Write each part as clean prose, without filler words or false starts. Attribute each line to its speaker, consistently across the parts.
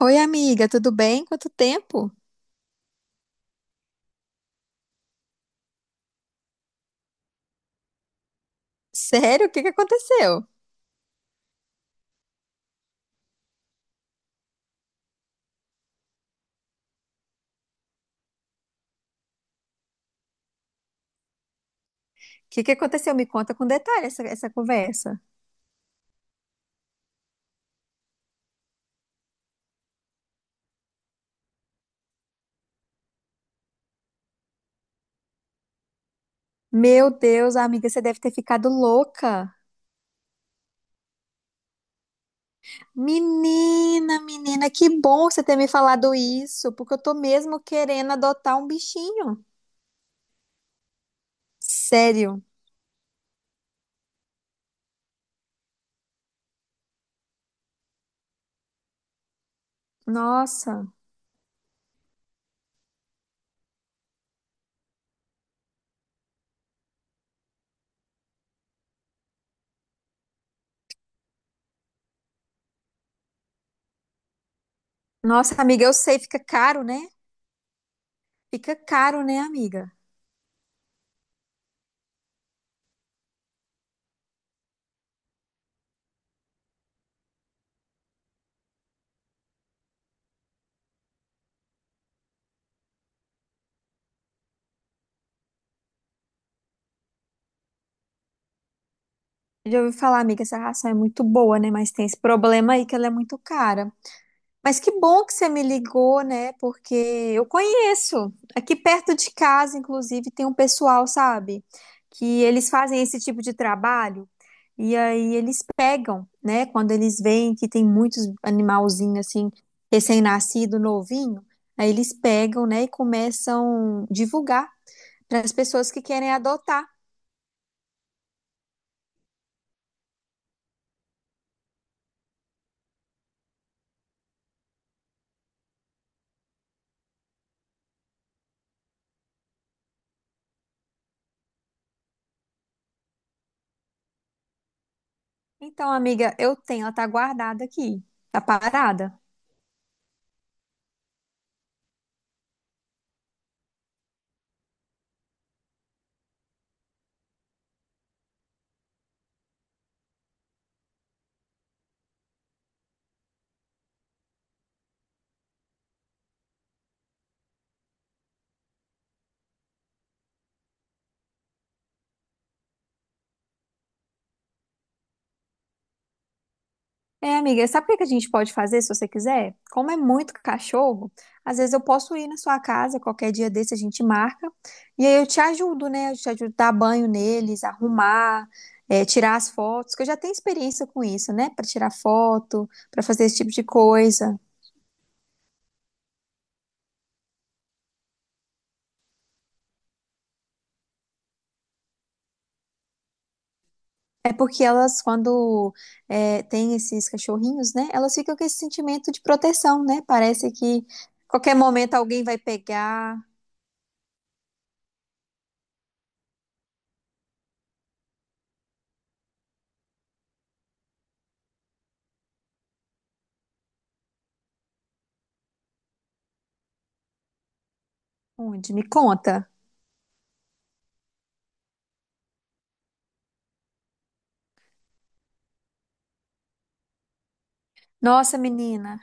Speaker 1: Oi, amiga, tudo bem? Quanto tempo? Sério? O que que aconteceu? O que que aconteceu? Me conta com detalhe essa conversa. Meu Deus, amiga, você deve ter ficado louca. Menina, que bom você ter me falado isso, porque eu tô mesmo querendo adotar um bichinho. Sério? Nossa. Nossa, amiga, eu sei, fica caro, né? Fica caro, né, amiga? Já ouvi falar, amiga, essa ração é muito boa, né? Mas tem esse problema aí que ela é muito cara. Mas que bom que você me ligou, né? Porque eu conheço. Aqui perto de casa, inclusive, tem um pessoal, sabe? Que eles fazem esse tipo de trabalho. E aí eles pegam, né? Quando eles veem que tem muitos animalzinhos, assim, recém-nascido, novinho. Aí eles pegam, né? E começam a divulgar para as pessoas que querem adotar. Então, amiga, eu tenho, ela tá guardada aqui. Tá parada. É, amiga, sabe o que que a gente pode fazer se você quiser? Como é muito cachorro, às vezes eu posso ir na sua casa, qualquer dia desse a gente marca, e aí eu te ajudo, né? Eu te ajudo a dar banho neles, arrumar, é, tirar as fotos, que eu já tenho experiência com isso, né? Pra tirar foto, pra fazer esse tipo de coisa. É porque elas, quando é, tem esses cachorrinhos, né? Elas ficam com esse sentimento de proteção, né? Parece que qualquer momento alguém vai pegar. Onde? Me conta. Nossa, menina.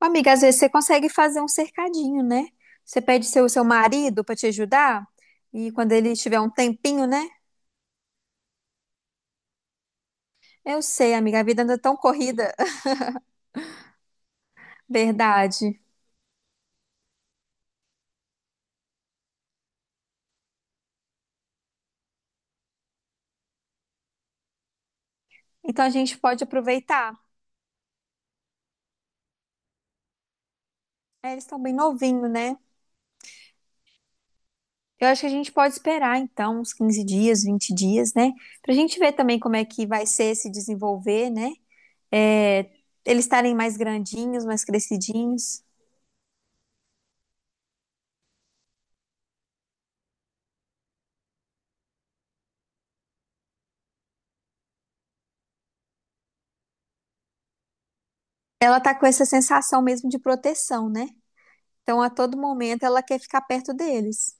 Speaker 1: Amiga, às vezes você consegue fazer um cercadinho, né? Você pede seu marido para te ajudar e quando ele tiver um tempinho, né? Eu sei, amiga, a vida anda tão corrida, verdade. Então a gente pode aproveitar. É, eles estão bem novinhos, né? Eu acho que a gente pode esperar, então, uns 15 dias, 20 dias, né? Pra gente ver também como é que vai ser se desenvolver, né? É, eles estarem mais grandinhos, mais crescidinhos. Ela tá com essa sensação mesmo de proteção, né? Então, a todo momento, ela quer ficar perto deles.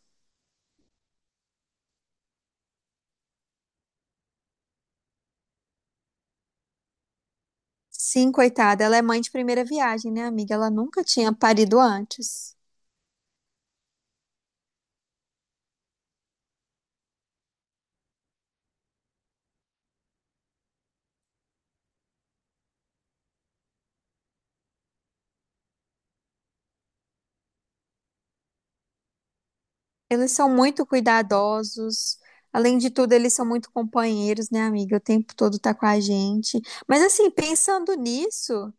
Speaker 1: Sim, coitada, ela é mãe de primeira viagem, né, amiga? Ela nunca tinha parido antes. Eles são muito cuidadosos. Além de tudo, eles são muito companheiros, né, amiga? O tempo todo tá com a gente. Mas assim,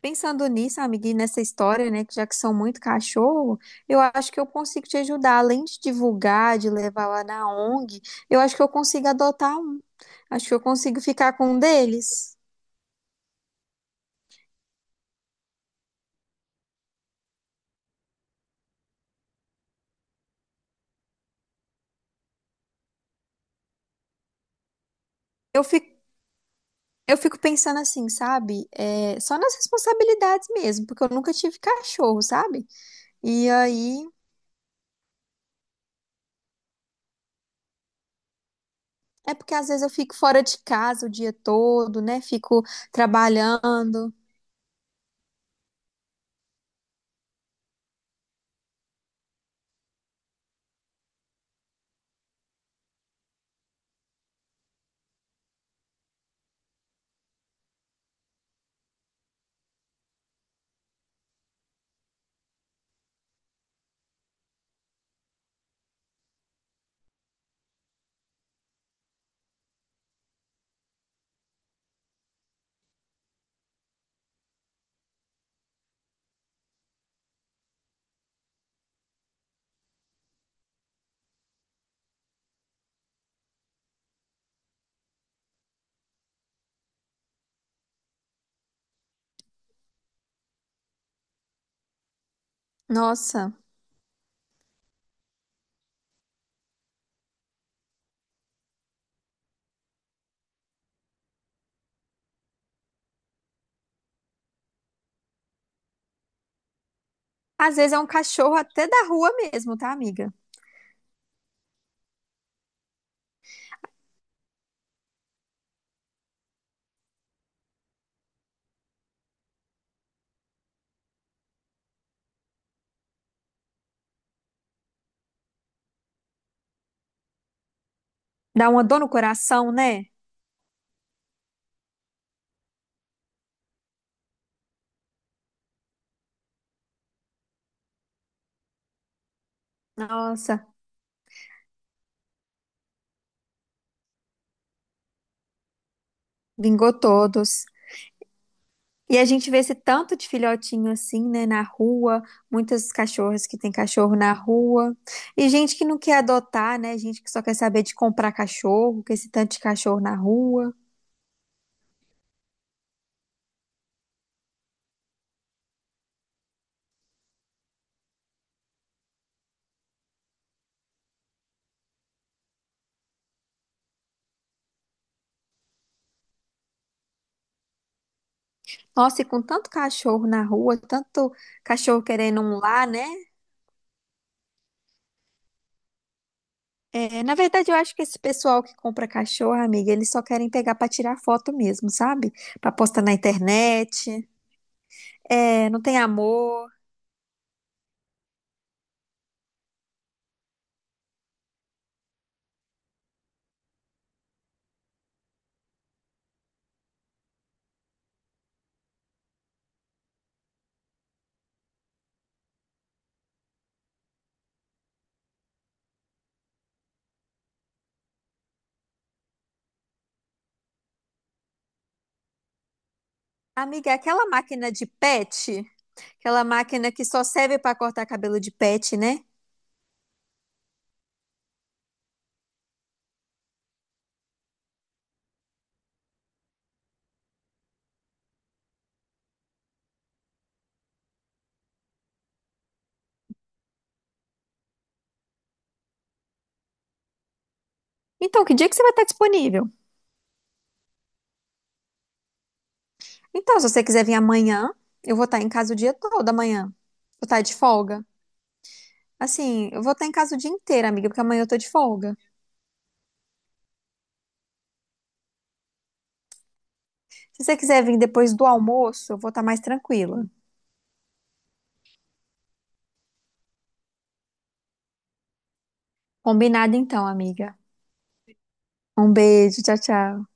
Speaker 1: pensando nisso, amiga, e nessa história, né, que já que são muito cachorro, eu acho que eu consigo te ajudar. Além de divulgar, de levar lá na ONG, eu acho que eu consigo adotar um. Acho que eu consigo ficar com um deles. Eu fico Eu fico pensando assim, sabe? É, só nas responsabilidades mesmo, porque eu nunca tive cachorro, sabe? E aí é porque às vezes eu fico fora de casa o dia todo, né? Fico trabalhando. Nossa, às vezes é um cachorro até da rua mesmo, tá, amiga? Dá uma dor no coração, né? Nossa, vingou todos. E a gente vê esse tanto de filhotinho assim, né, na rua, muitas cachorras que têm cachorro na rua, e gente que não quer adotar, né, gente que só quer saber de comprar cachorro, com esse tanto de cachorro na rua. Nossa, e com tanto cachorro na rua, tanto cachorro querendo um lar, né? É, na verdade, eu acho que esse pessoal que compra cachorro, amiga, eles só querem pegar pra tirar foto mesmo, sabe? Pra postar na internet. É, não tem amor. Amiga, é aquela máquina de pet. Aquela máquina que só serve para cortar cabelo de pet, né? Então, que dia que você vai estar disponível? Então, se você quiser vir amanhã, eu vou estar em casa o dia todo amanhã. Vou estar de folga. Assim, eu vou estar em casa o dia inteiro, amiga, porque amanhã eu tô de folga. Se você quiser vir depois do almoço, eu vou estar mais tranquila. Combinado então, amiga. Um beijo, tchau, tchau.